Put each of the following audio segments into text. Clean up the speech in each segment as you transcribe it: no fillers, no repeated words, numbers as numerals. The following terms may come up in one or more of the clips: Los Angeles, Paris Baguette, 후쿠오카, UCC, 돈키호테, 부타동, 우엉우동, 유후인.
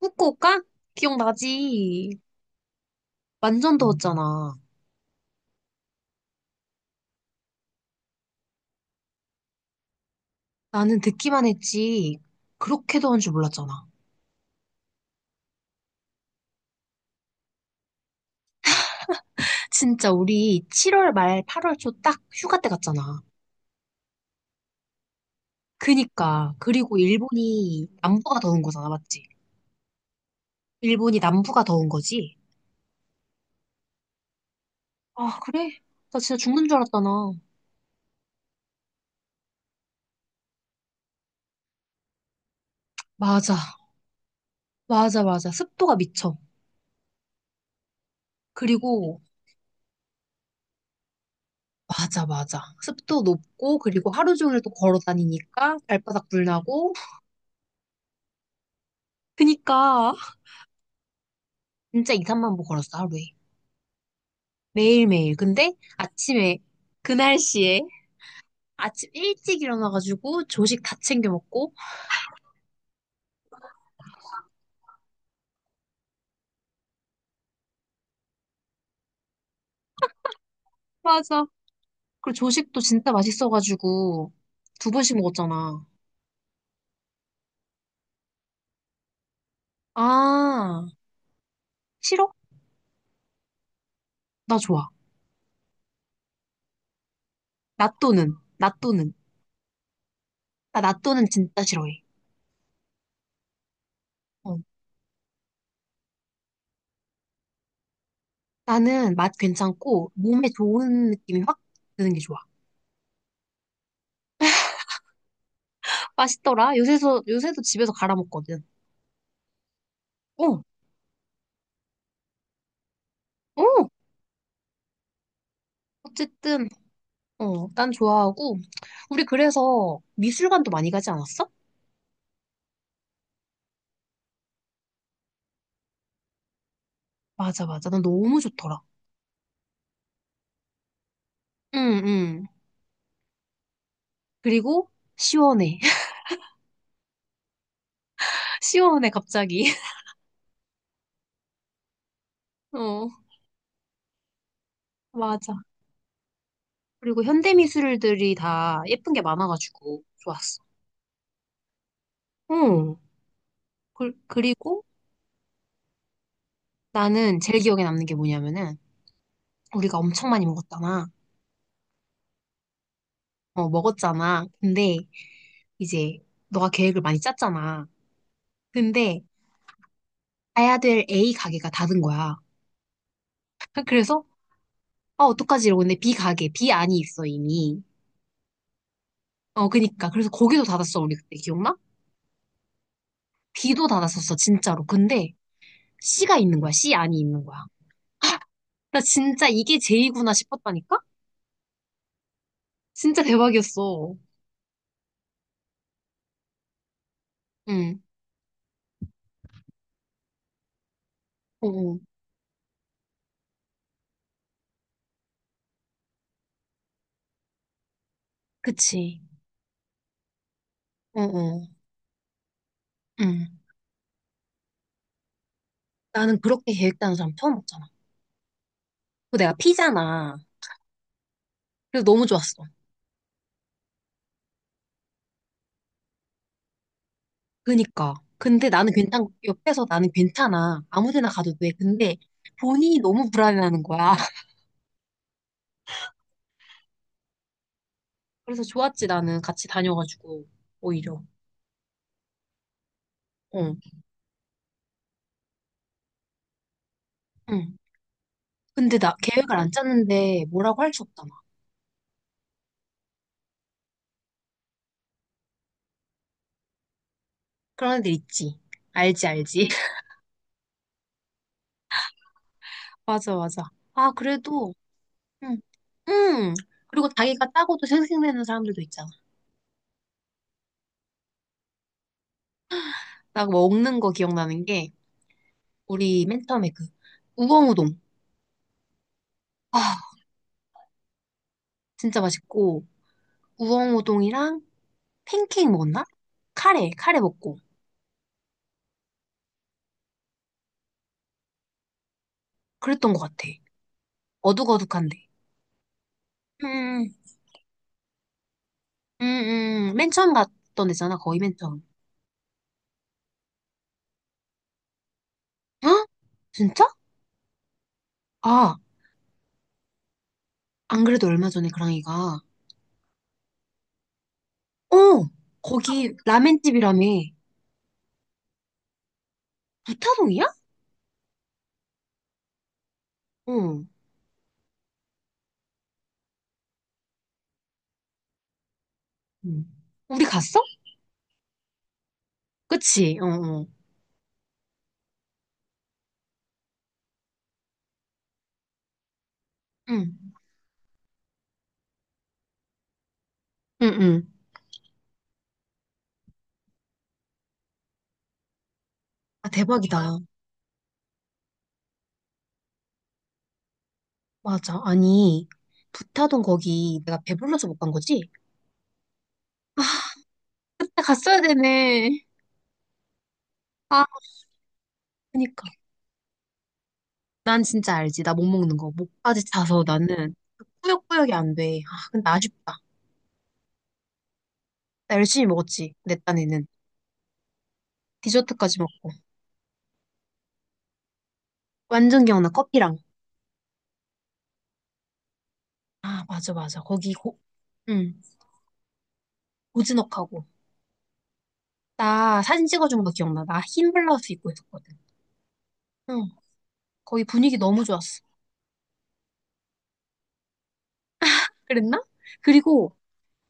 후쿠오카? 기억나지? 완전 더웠잖아. 나는 듣기만 했지. 그렇게 더운 줄 몰랐잖아. 진짜 우리 7월 말 8월 초 딱 휴가 때 갔잖아. 그니까. 그리고 일본이 남부가 더운 거잖아, 맞지? 일본이 남부가 더운 거지? 아, 그래? 나 진짜 죽는 줄 알았잖아. 맞아. 맞아, 맞아. 습도가 미쳐. 그리고, 맞아, 맞아. 습도 높고, 그리고 하루 종일 또 걸어 다니니까 발바닥 불나고. 그니까. 진짜 이 3만 보 걸었어, 하루에. 매일매일. 근데 아침에, 그 날씨에 아침 일찍 일어나가지고 조식 다 챙겨 먹고. 맞아. 그리고 조식도 진짜 맛있어가지고 두 번씩 먹었잖아. 아, 싫어? 나 좋아. 낫또는. 나 낫또는 진짜 싫어해. 어. 나는 맛 괜찮고 몸에 좋은 느낌이 확 드는 게 좋아. 맛있더라. 요새도 집에서 갈아 먹거든. 어, 어. 어쨌든 어, 난 좋아하고, 우리 그래서 미술관도 많이 가지 않았어? 맞아, 맞아. 난 너무 좋더라. 응, 응. 그리고 시원해. 시원해, 갑자기. 어, 맞아. 그리고 현대미술들이 다 예쁜 게 많아가지고 좋았어. 응. 그리고 나는 제일 기억에 남는 게 뭐냐면은, 우리가 엄청 많이 먹었잖아. 어, 먹었잖아. 근데 이제 너가 계획을 많이 짰잖아. 근데 가야 될 A 가게가 닫은 거야. 그래서 아, 어떡하지? 이러고 근데 B 가게, B 안이 있어, 이미. 어, 그니까. 그래서 거기도 닫았어, 우리 그때, 기억나? B도 닫았었어, 진짜로. 근데 C가 있는 거야, C 안이 있는 거야. 나 진짜 이게 제이구나 싶었다니까? 진짜 대박이었어. 응, 어, 어. 그치. 어, 어. 응. 나는 그렇게 계획 짜는 사람 처음 봤잖아. 그 내가 P잖아. 그래서 너무 좋았어. 그니까. 근데 옆에서 나는 괜찮아. 아무 데나 가도 돼. 근데 본인이 너무 불안해하는 거야. 그래서 좋았지, 나는 같이 다녀가지고, 오히려. 어, 응. 근데 나 계획을 안 짰는데 뭐라고 할 수 없잖아. 그런 애들 있지. 알지, 알지. 맞아, 맞아. 아, 그래도, 응, 응. 그리고 자기가 짜고도 생색내는 사람들도 있잖아. 나 먹는 거 기억나는 게, 우리 맨 처음에 그, 우엉우동. 아, 진짜 맛있고, 우엉우동이랑 팬케이크 먹었나? 카레, 카레 먹고. 그랬던 것 같아. 어둑어둑한데. 응. 맨 처음 갔던 데잖아 거의 맨 처음. 헉? 진짜? 아, 안 그래도 얼마 전에 그랑이가, 어, 거기 라멘집이라며. 부타동이야? 응. 응. 우리 갔어? 그치? 어, 어. 응, 응, 응. 아, 대박이다. 맞아. 아니, 부타동 거기 내가 배불러서 못 간 거지? 아, 갔어야 되네. 아, 그니까. 난 진짜 알지. 나 못 먹는 거. 목까지 차서 나는 꾸역꾸역이 안 돼. 아, 근데 아쉽다. 나 열심히 먹었지. 내 딴에는. 디저트까지 먹고. 완전 기억나, 커피랑. 아, 맞아, 맞아. 거기 고, 응, 고즈넉하고. 나 사진 찍어준 거 기억나. 나 흰 블라우스 입고 있었거든. 응, 거기 분위기 너무 좋았어. 그랬나? 그리고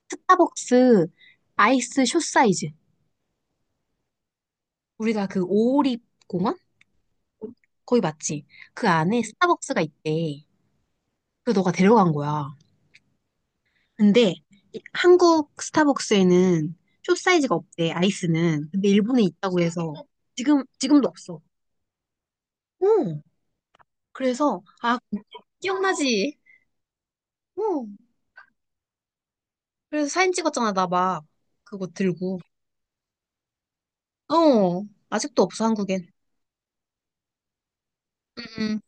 스타벅스 아이스 숏 사이즈. 우리가 그 오리 공원? 거기 맞지? 그 안에 스타벅스가 있대. 그 너가 데려간 거야. 근데 한국 스타벅스에는 숏 사이즈가 없대, 아이스는. 근데 일본에 있다고 해서 지금도 없어. 응, 그래서, 아, 기억나지? 응. 그래서 사진 찍었잖아, 나 막. 그거 들고. 어, 아직도 없어, 한국엔. 응, 응.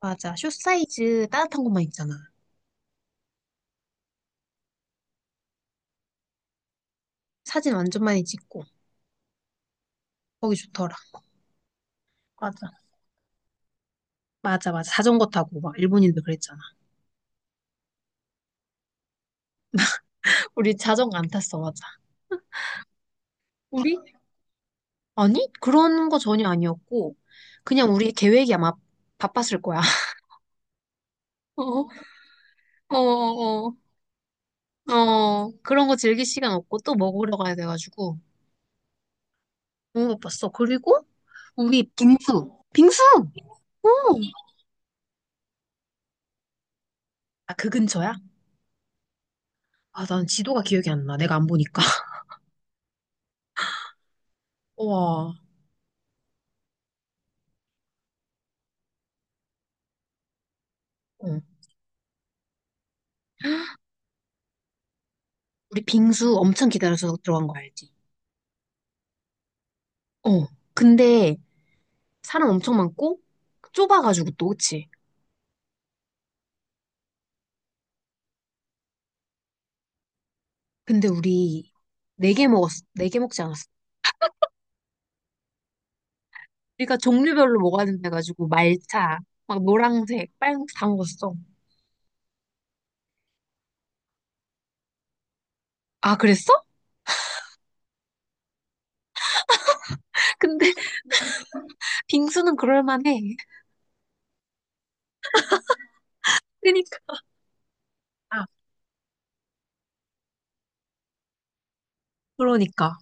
맞아. 숏 사이즈 따뜻한 것만 있잖아. 사진 완전 많이 찍고. 거기 좋더라. 맞아. 맞아, 맞아. 자전거 타고, 막, 일본인들 그랬잖아. 우리 자전거 안 탔어, 맞아. 우리? 아니, 그런 거 전혀 아니었고, 그냥 우리 계획이 아마 바빴을 거야. 어, 어, 어, 어. 그런 거 즐길 시간 없고 또 먹으러 가야 돼가지고. 너무 바빴어. 그리고 우리 빙수. 빙수! 어. 아, 그 근처야? 아, 난 지도가 기억이 안 나. 내가 안 보니까. 우와. 어. 우리 빙수 엄청 기다려서 들어간 거 알지? 어. 근데 사람 엄청 많고 좁아가지고 또, 그치? 근데 우리 네 개 먹었어. 네 개 먹지 않았어. 우리가 종류별로 먹어야 된다 해가지고 말차, 막 노란색, 빨간색 다 먹었어. 아, 그랬어? 근데 빙수는 그럴만해. 그러니까. 아, 그러니까.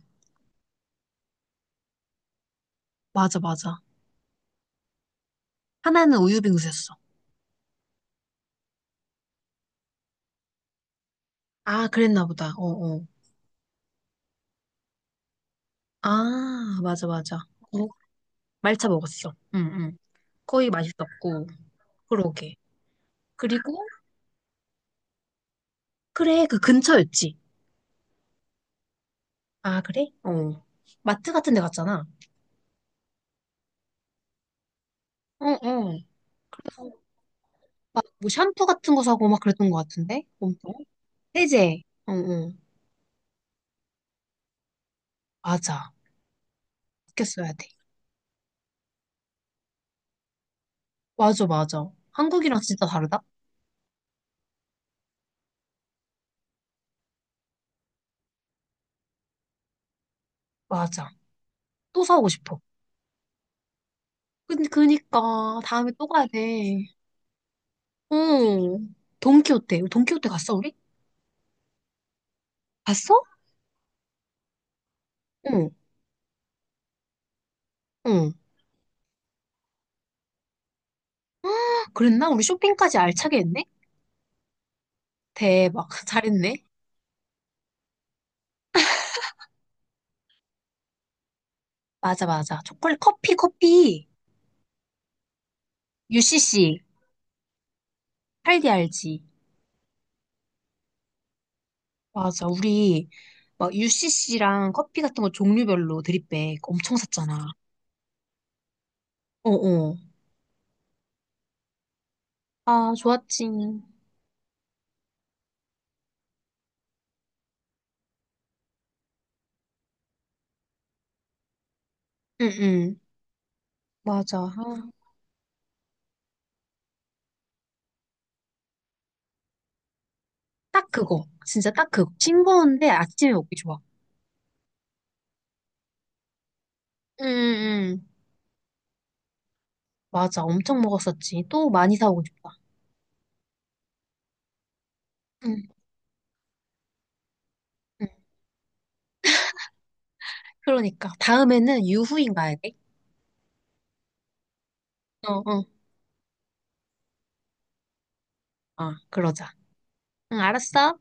맞아, 맞아. 하나는 우유 빙수였어. 아, 그랬나 보다. 어, 어. 아, 맞아, 맞아. 어, 말차 먹었어. 응, 응. 거의 맛있었고. 그러게. 그리고, 그래, 그 근처였지. 아, 그래? 어. 마트 같은 데 갔잖아. 어, 어. 막 뭐 샴푸 같은 거 사고 막 그랬던 것 같은데? 엄청? 세제. 어, 어. 맞아. 아꼈어야 돼. 맞아, 맞아. 한국이랑 진짜 다르다? 맞아. 또 사오고 싶어. 근데 그니까 다음에 또 가야 돼. 어. 돈키호테. 우리 돈키호테 갔어, 우리? 갔어? 어. 응. 그랬나? 우리 쇼핑까지 알차게 했네? 대박. 잘했네. 맞아, 맞아. 초콜릿, 커피, 커피. UCC. 할디 알지? 맞아. 우리 막 UCC랑 커피 같은 거 종류별로 드립백 엄청 샀잖아. 어어. 아, 좋았지. 응응. 맞아. 아, 딱 그거. 진짜 딱 그거. 싱거운데 아침에 먹기 좋아. 응응. 맞아. 엄청 먹었었지. 또 많이 사오고 싶다. 응. 응. 그러니까. 다음에는 유후인 가야 돼. 어어. 어, 그러자. 응, 알았어.